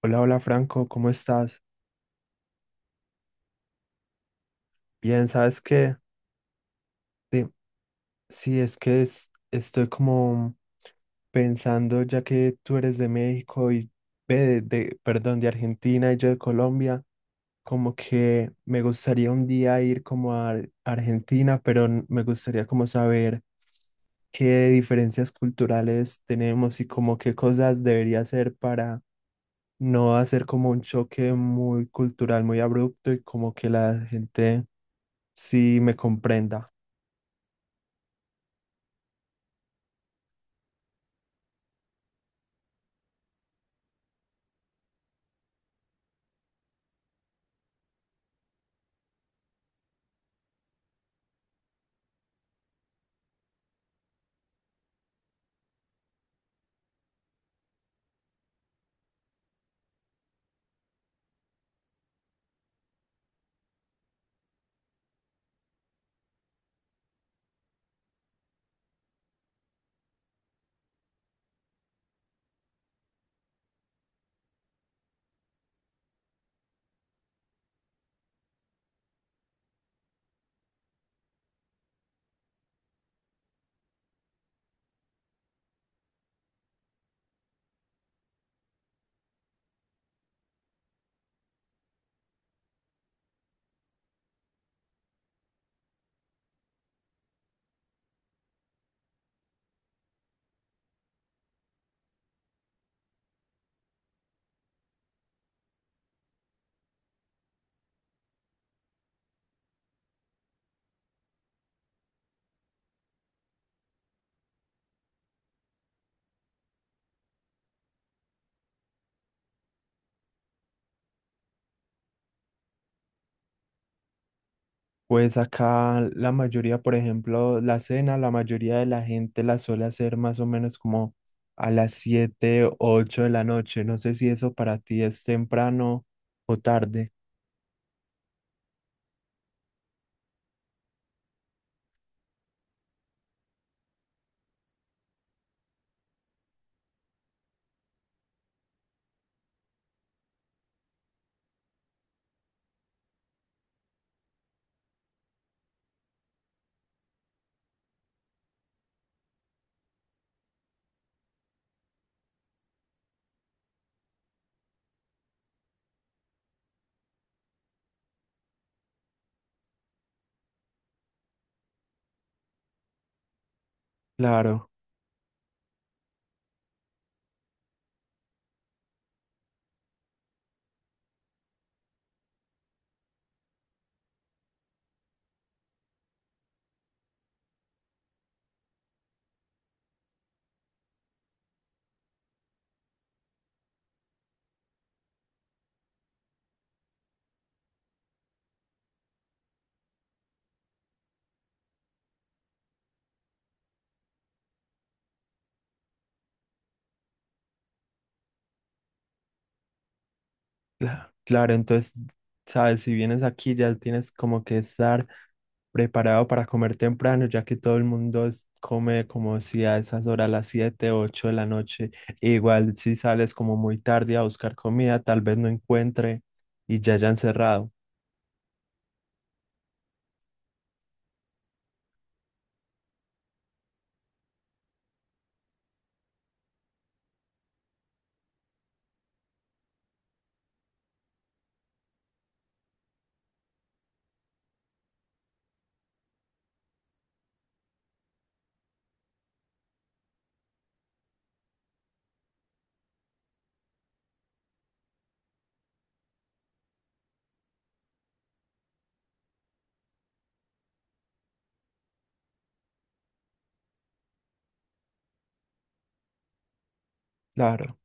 Hola, hola Franco, ¿cómo estás? Bien, ¿sabes qué? Sí, sí, estoy como pensando, ya que tú eres de México y ve, de Argentina y yo de Colombia, como que me gustaría un día ir como a Argentina, pero me gustaría como saber qué diferencias culturales tenemos y como qué cosas debería hacer para no hacer como un choque muy cultural, muy abrupto y como que la gente si me comprenda. Pues acá la mayoría, por ejemplo, la cena, la mayoría de la gente la suele hacer más o menos como a las 7, 8 de la noche. No sé si eso para ti es temprano o tarde. Claro. Claro, entonces, sabes, si vienes aquí ya tienes como que estar preparado para comer temprano, ya que todo el mundo come como si a esas horas, las 7, 8 de la noche. Igual si sales como muy tarde a buscar comida, tal vez no encuentre y ya hayan cerrado. Claro.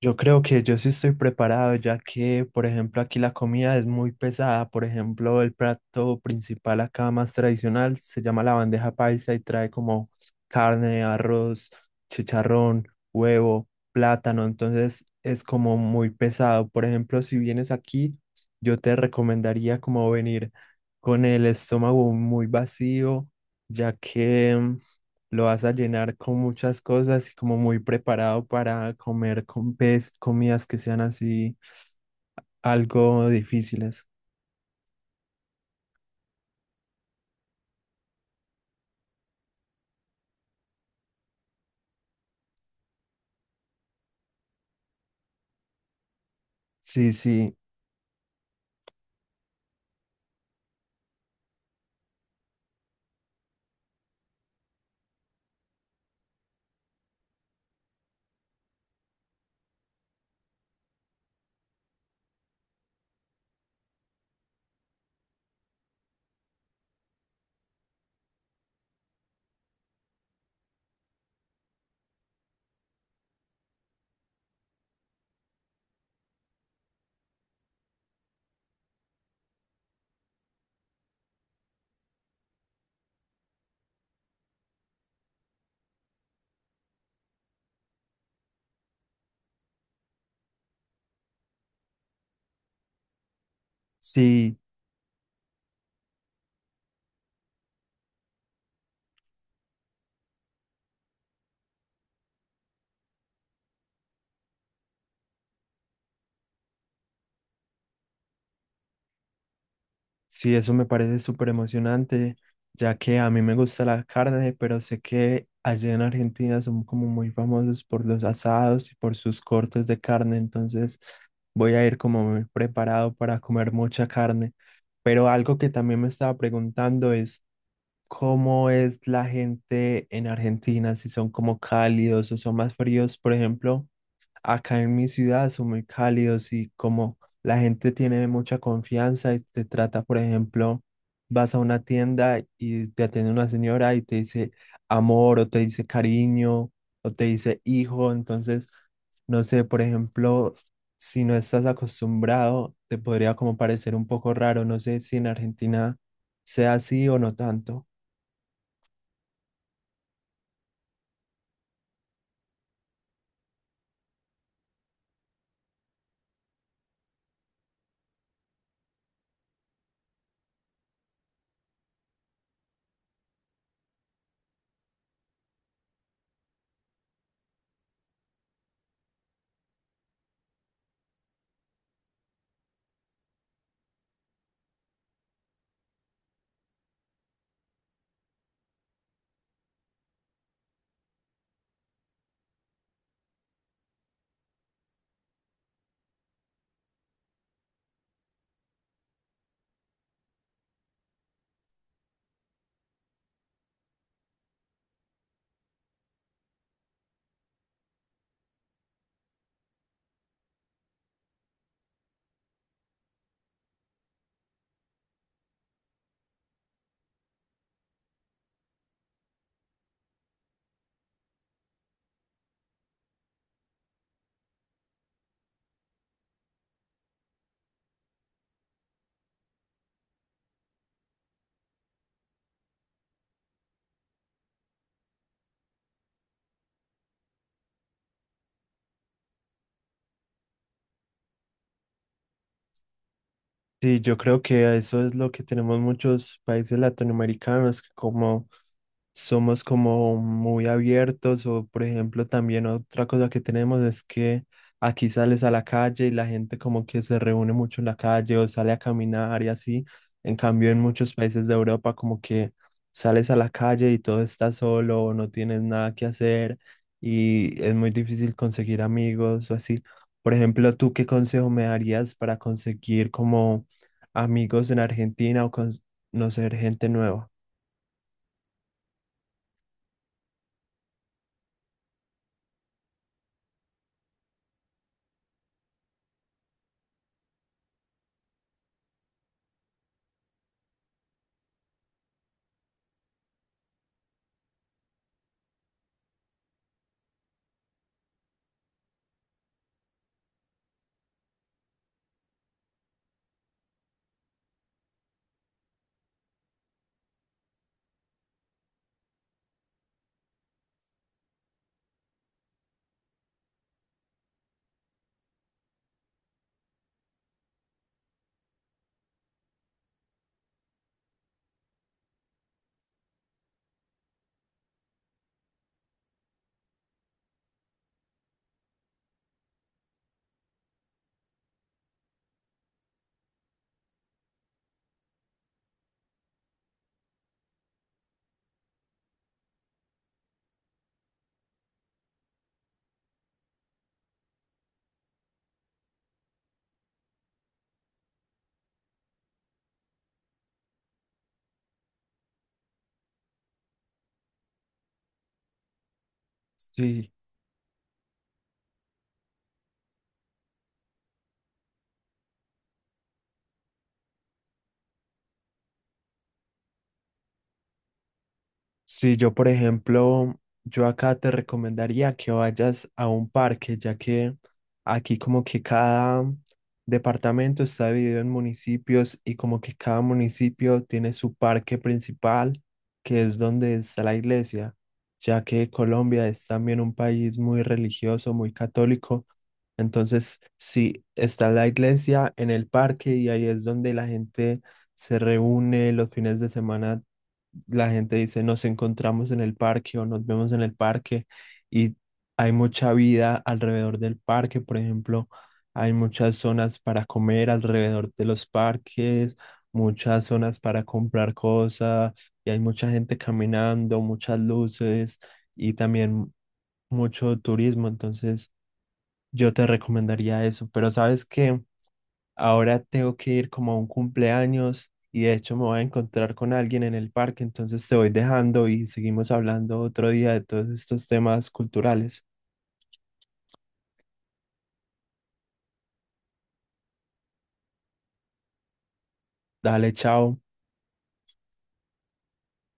Yo creo que yo sí estoy preparado, ya que, por ejemplo, aquí la comida es muy pesada. Por ejemplo, el plato principal acá más tradicional se llama la bandeja paisa y trae como carne, arroz, chicharrón, huevo, plátano. Entonces es como muy pesado. Por ejemplo, si vienes aquí, yo te recomendaría como venir con el estómago muy vacío, ya que lo vas a llenar con muchas cosas y como muy preparado para comer con pez, comidas que sean así algo difíciles. Sí, sí, sí, sí, eso me parece súper emocionante, ya que a mí me gusta la carne, pero sé que allá en Argentina son como muy famosos por los asados y por sus cortes de carne, entonces voy a ir como muy preparado para comer mucha carne. Pero algo que también me estaba preguntando es cómo es la gente en Argentina, si son como cálidos o son más fríos. Por ejemplo, acá en mi ciudad son muy cálidos y como la gente tiene mucha confianza y te trata, por ejemplo, vas a una tienda y te atiende una señora y te dice amor o te dice cariño o te dice hijo. Entonces, no sé, por ejemplo, si no estás acostumbrado, te podría como parecer un poco raro. No sé si en Argentina sea así o no tanto. Sí, yo creo que a eso es lo que tenemos muchos países latinoamericanos, que como somos como muy abiertos o por ejemplo también otra cosa que tenemos es que aquí sales a la calle y la gente como que se reúne mucho en la calle o sale a caminar y así. En cambio en muchos países de Europa como que sales a la calle y todo está solo o no tienes nada que hacer y es muy difícil conseguir amigos o así. Por ejemplo, ¿tú qué consejo me darías para conseguir como amigos en Argentina o conocer gente nueva? Sí, si yo, por ejemplo, yo acá te recomendaría que vayas a un parque, ya que aquí como que cada departamento está dividido en municipios y como que cada municipio tiene su parque principal, que es donde está la iglesia, ya que Colombia es también un país muy religioso, muy católico. Entonces, sí, está la iglesia en el parque y ahí es donde la gente se reúne los fines de semana. La gente dice nos encontramos en el parque o nos vemos en el parque, y hay mucha vida alrededor del parque. Por ejemplo, hay muchas zonas para comer alrededor de los parques, muchas zonas para comprar cosas y hay mucha gente caminando, muchas luces y también mucho turismo. Entonces yo te recomendaría eso, pero sabes que ahora tengo que ir como a un cumpleaños y de hecho me voy a encontrar con alguien en el parque, entonces te voy dejando y seguimos hablando otro día de todos estos temas culturales. Dale, chao.